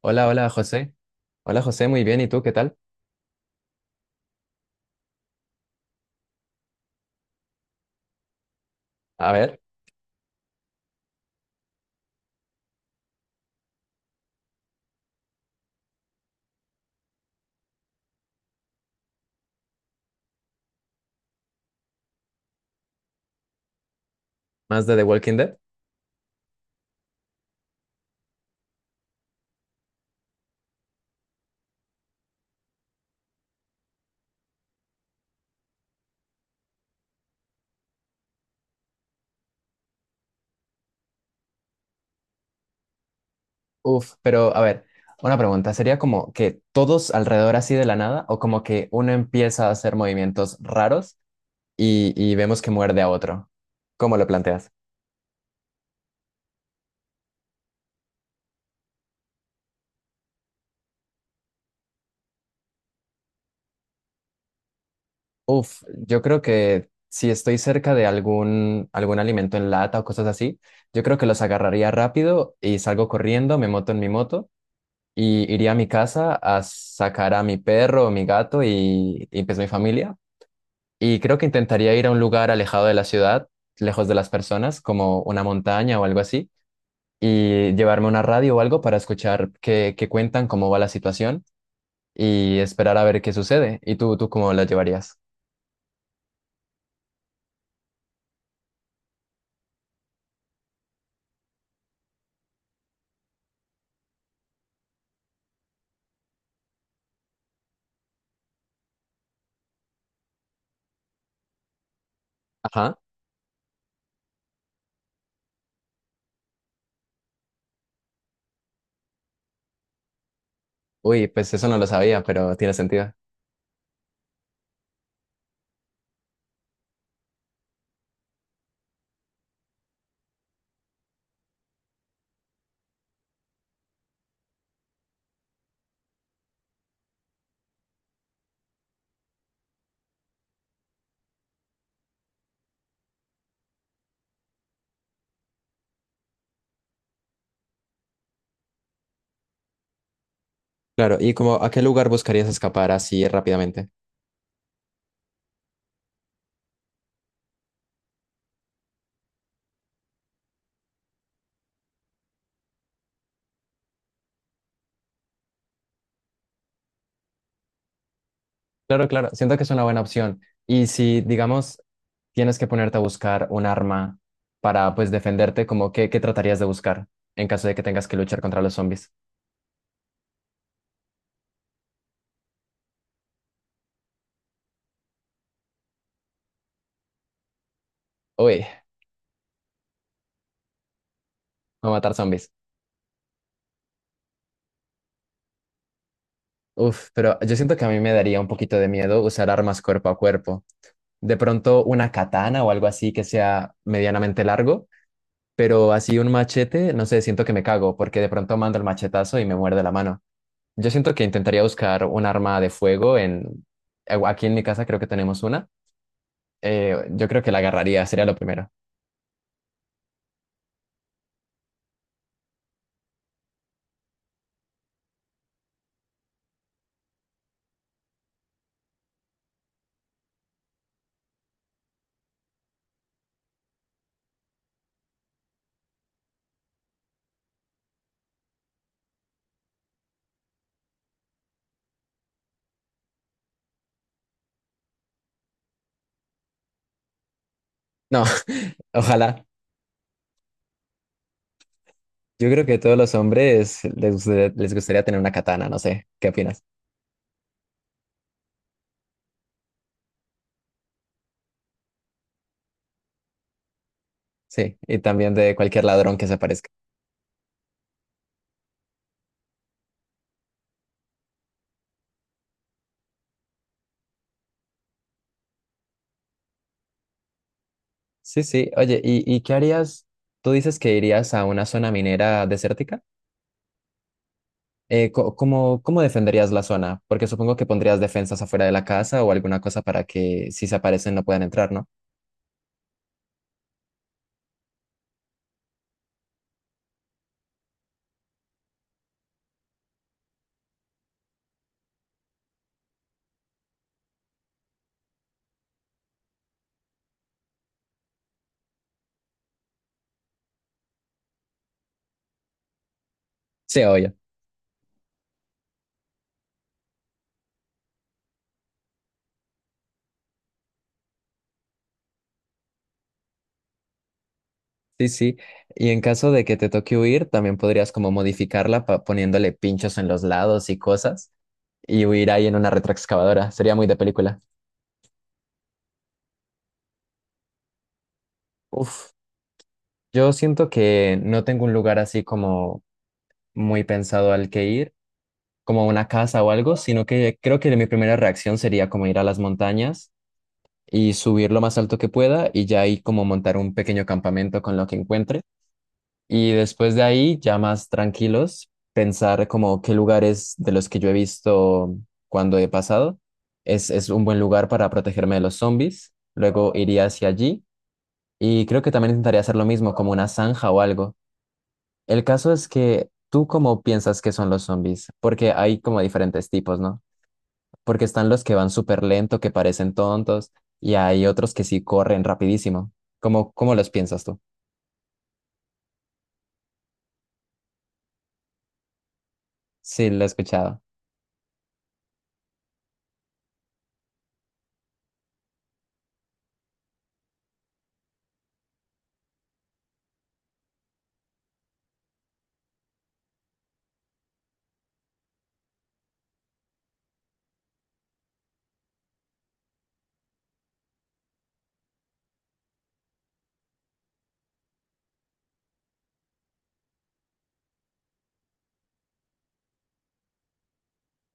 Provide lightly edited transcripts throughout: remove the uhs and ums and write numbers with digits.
Hola, José. Hola José, muy bien. ¿Y tú qué tal? A ver, más de The Walking Dead. Uf, pero a ver, una pregunta. ¿Sería como que todos alrededor así de la nada o como que uno empieza a hacer movimientos raros y vemos que muerde a otro? ¿Cómo lo planteas? Uf, yo creo que si estoy cerca de algún alimento en lata o cosas así, yo creo que los agarraría rápido y salgo corriendo, me moto en mi moto. Y iría a mi casa a sacar a mi perro o mi gato y pues mi familia. Y creo que intentaría ir a un lugar alejado de la ciudad, lejos de las personas, como una montaña o algo así, y llevarme una radio o algo para escuchar qué cuentan, cómo va la situación y esperar a ver qué sucede. ¿Y tú cómo la llevarías? Ajá. Uy, pues eso no lo sabía, pero tiene sentido. Claro, ¿y como a qué lugar buscarías escapar así rápidamente? Claro, claro, siento que es una buena opción. Y si, digamos, tienes que ponerte a buscar un arma para, pues, defenderte, como qué tratarías de buscar en caso de que tengas que luchar contra los zombies? Uy, a matar zombies. Uf, pero yo siento que a mí me daría un poquito de miedo usar armas cuerpo a cuerpo. De pronto una katana o algo así que sea medianamente largo, pero así un machete, no sé, siento que me cago porque de pronto mando el machetazo y me muerde la mano. Yo siento que intentaría buscar un arma de fuego en... Aquí en mi casa creo que tenemos una. Yo creo que la agarraría, sería lo primero. No, ojalá. Yo creo que todos los hombres les gustaría tener una katana, no sé. ¿Qué opinas? Sí, y también de cualquier ladrón que se aparezca. Sí, sí. Oye, ¿y qué harías? Tú dices que irías a una zona minera desértica. ¿Cómo defenderías la zona? Porque supongo que pondrías defensas afuera de la casa o alguna cosa para que si se aparecen no puedan entrar, ¿no? Sí, obvio. Sí, sí. Y en caso de que te toque huir, también podrías como modificarla poniéndole pinchos en los lados y cosas y huir ahí en una retroexcavadora. Sería muy de película. Uf, yo siento que no tengo un lugar así como muy pensado al que ir, como a una casa o algo, sino que creo que mi primera reacción sería como ir a las montañas y subir lo más alto que pueda y ya ahí como montar un pequeño campamento con lo que encuentre. Y después de ahí, ya más tranquilos, pensar como qué lugares de los que yo he visto cuando he pasado es un buen lugar para protegerme de los zombies. Luego iría hacia allí y creo que también intentaría hacer lo mismo, como una zanja o algo. El caso es que tú cómo piensas que son los zombies, porque hay como diferentes tipos, ¿no? Porque están los que van súper lento, que parecen tontos, y hay otros que sí corren rapidísimo. ¿Cómo los piensas tú? Sí, lo he escuchado.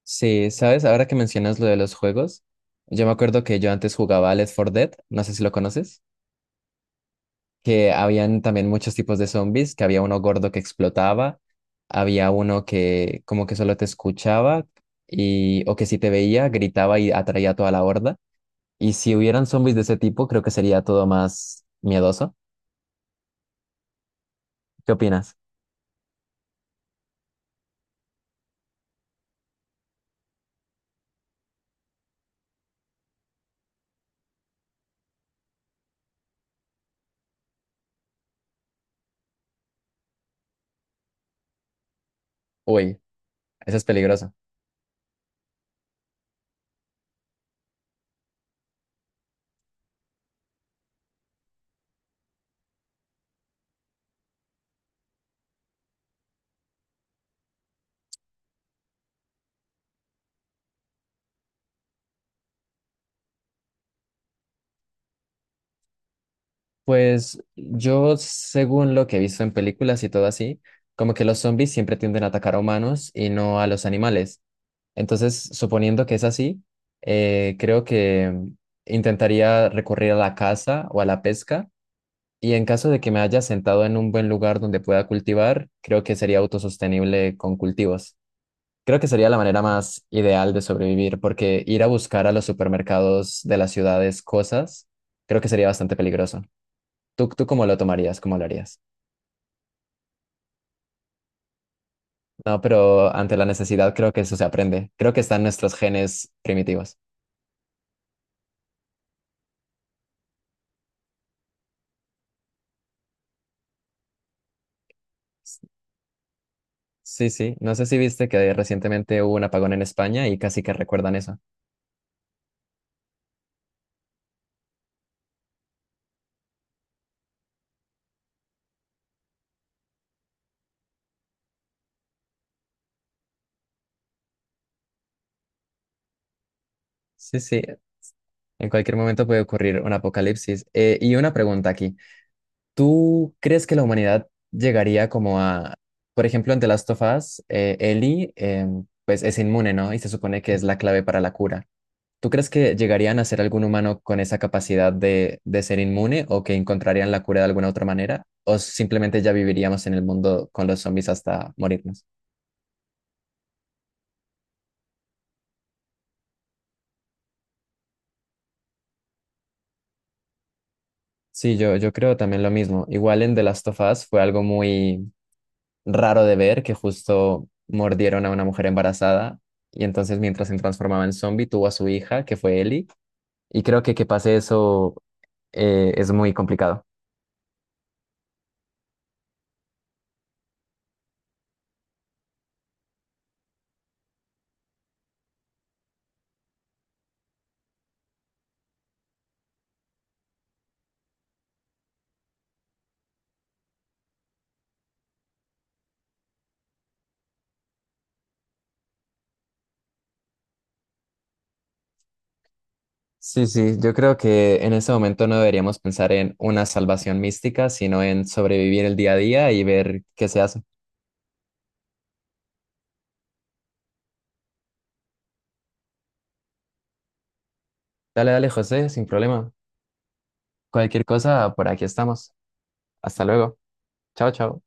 Sí, ¿sabes? Ahora que mencionas lo de los juegos, yo me acuerdo que yo antes jugaba al Left 4 Dead, no sé si lo conoces, que habían también muchos tipos de zombies, que había uno gordo que explotaba, había uno que como que solo te escuchaba y o que si te veía gritaba y atraía a toda la horda. Y si hubieran zombies de ese tipo, creo que sería todo más miedoso. ¿Qué opinas? Uy, eso es peligroso. Pues yo, según lo que he visto en películas y todo así, como que los zombies siempre tienden a atacar a humanos y no a los animales. Entonces, suponiendo que es así, creo que intentaría recurrir a la caza o a la pesca. Y en caso de que me haya sentado en un buen lugar donde pueda cultivar, creo que sería autosostenible con cultivos. Creo que sería la manera más ideal de sobrevivir, porque ir a buscar a los supermercados de las ciudades cosas, creo que sería bastante peligroso. ¿Tú cómo lo tomarías? ¿Cómo lo harías? No, pero ante la necesidad creo que eso se aprende. Creo que están nuestros genes primitivos. S- Sí, sí. No sé si viste que recientemente hubo un apagón en España y casi que recuerdan eso. Sí, sí. En cualquier momento puede ocurrir un apocalipsis. Y una pregunta aquí. ¿Tú crees que la humanidad llegaría como a, por ejemplo, en The Last of Us, Ellie, pues es inmune, ¿no? Y se supone que es la clave para la cura. ¿Tú crees que llegarían a ser algún humano con esa capacidad de ser inmune o que encontrarían la cura de alguna otra manera? ¿O simplemente ya viviríamos en el mundo con los zombies hasta morirnos? Sí, yo creo también lo mismo. Igual en The Last of Us fue algo muy raro de ver, que justo mordieron a una mujer embarazada y entonces mientras se transformaba en zombie tuvo a su hija, que fue Ellie, y creo que pase eso es muy complicado. Sí, sí, yo creo que en ese momento no deberíamos pensar en una salvación mística, sino en sobrevivir el día a día y ver qué se hace. Dale, dale, José, sin problema. Cualquier cosa, por aquí estamos. Hasta luego. Chao, chao.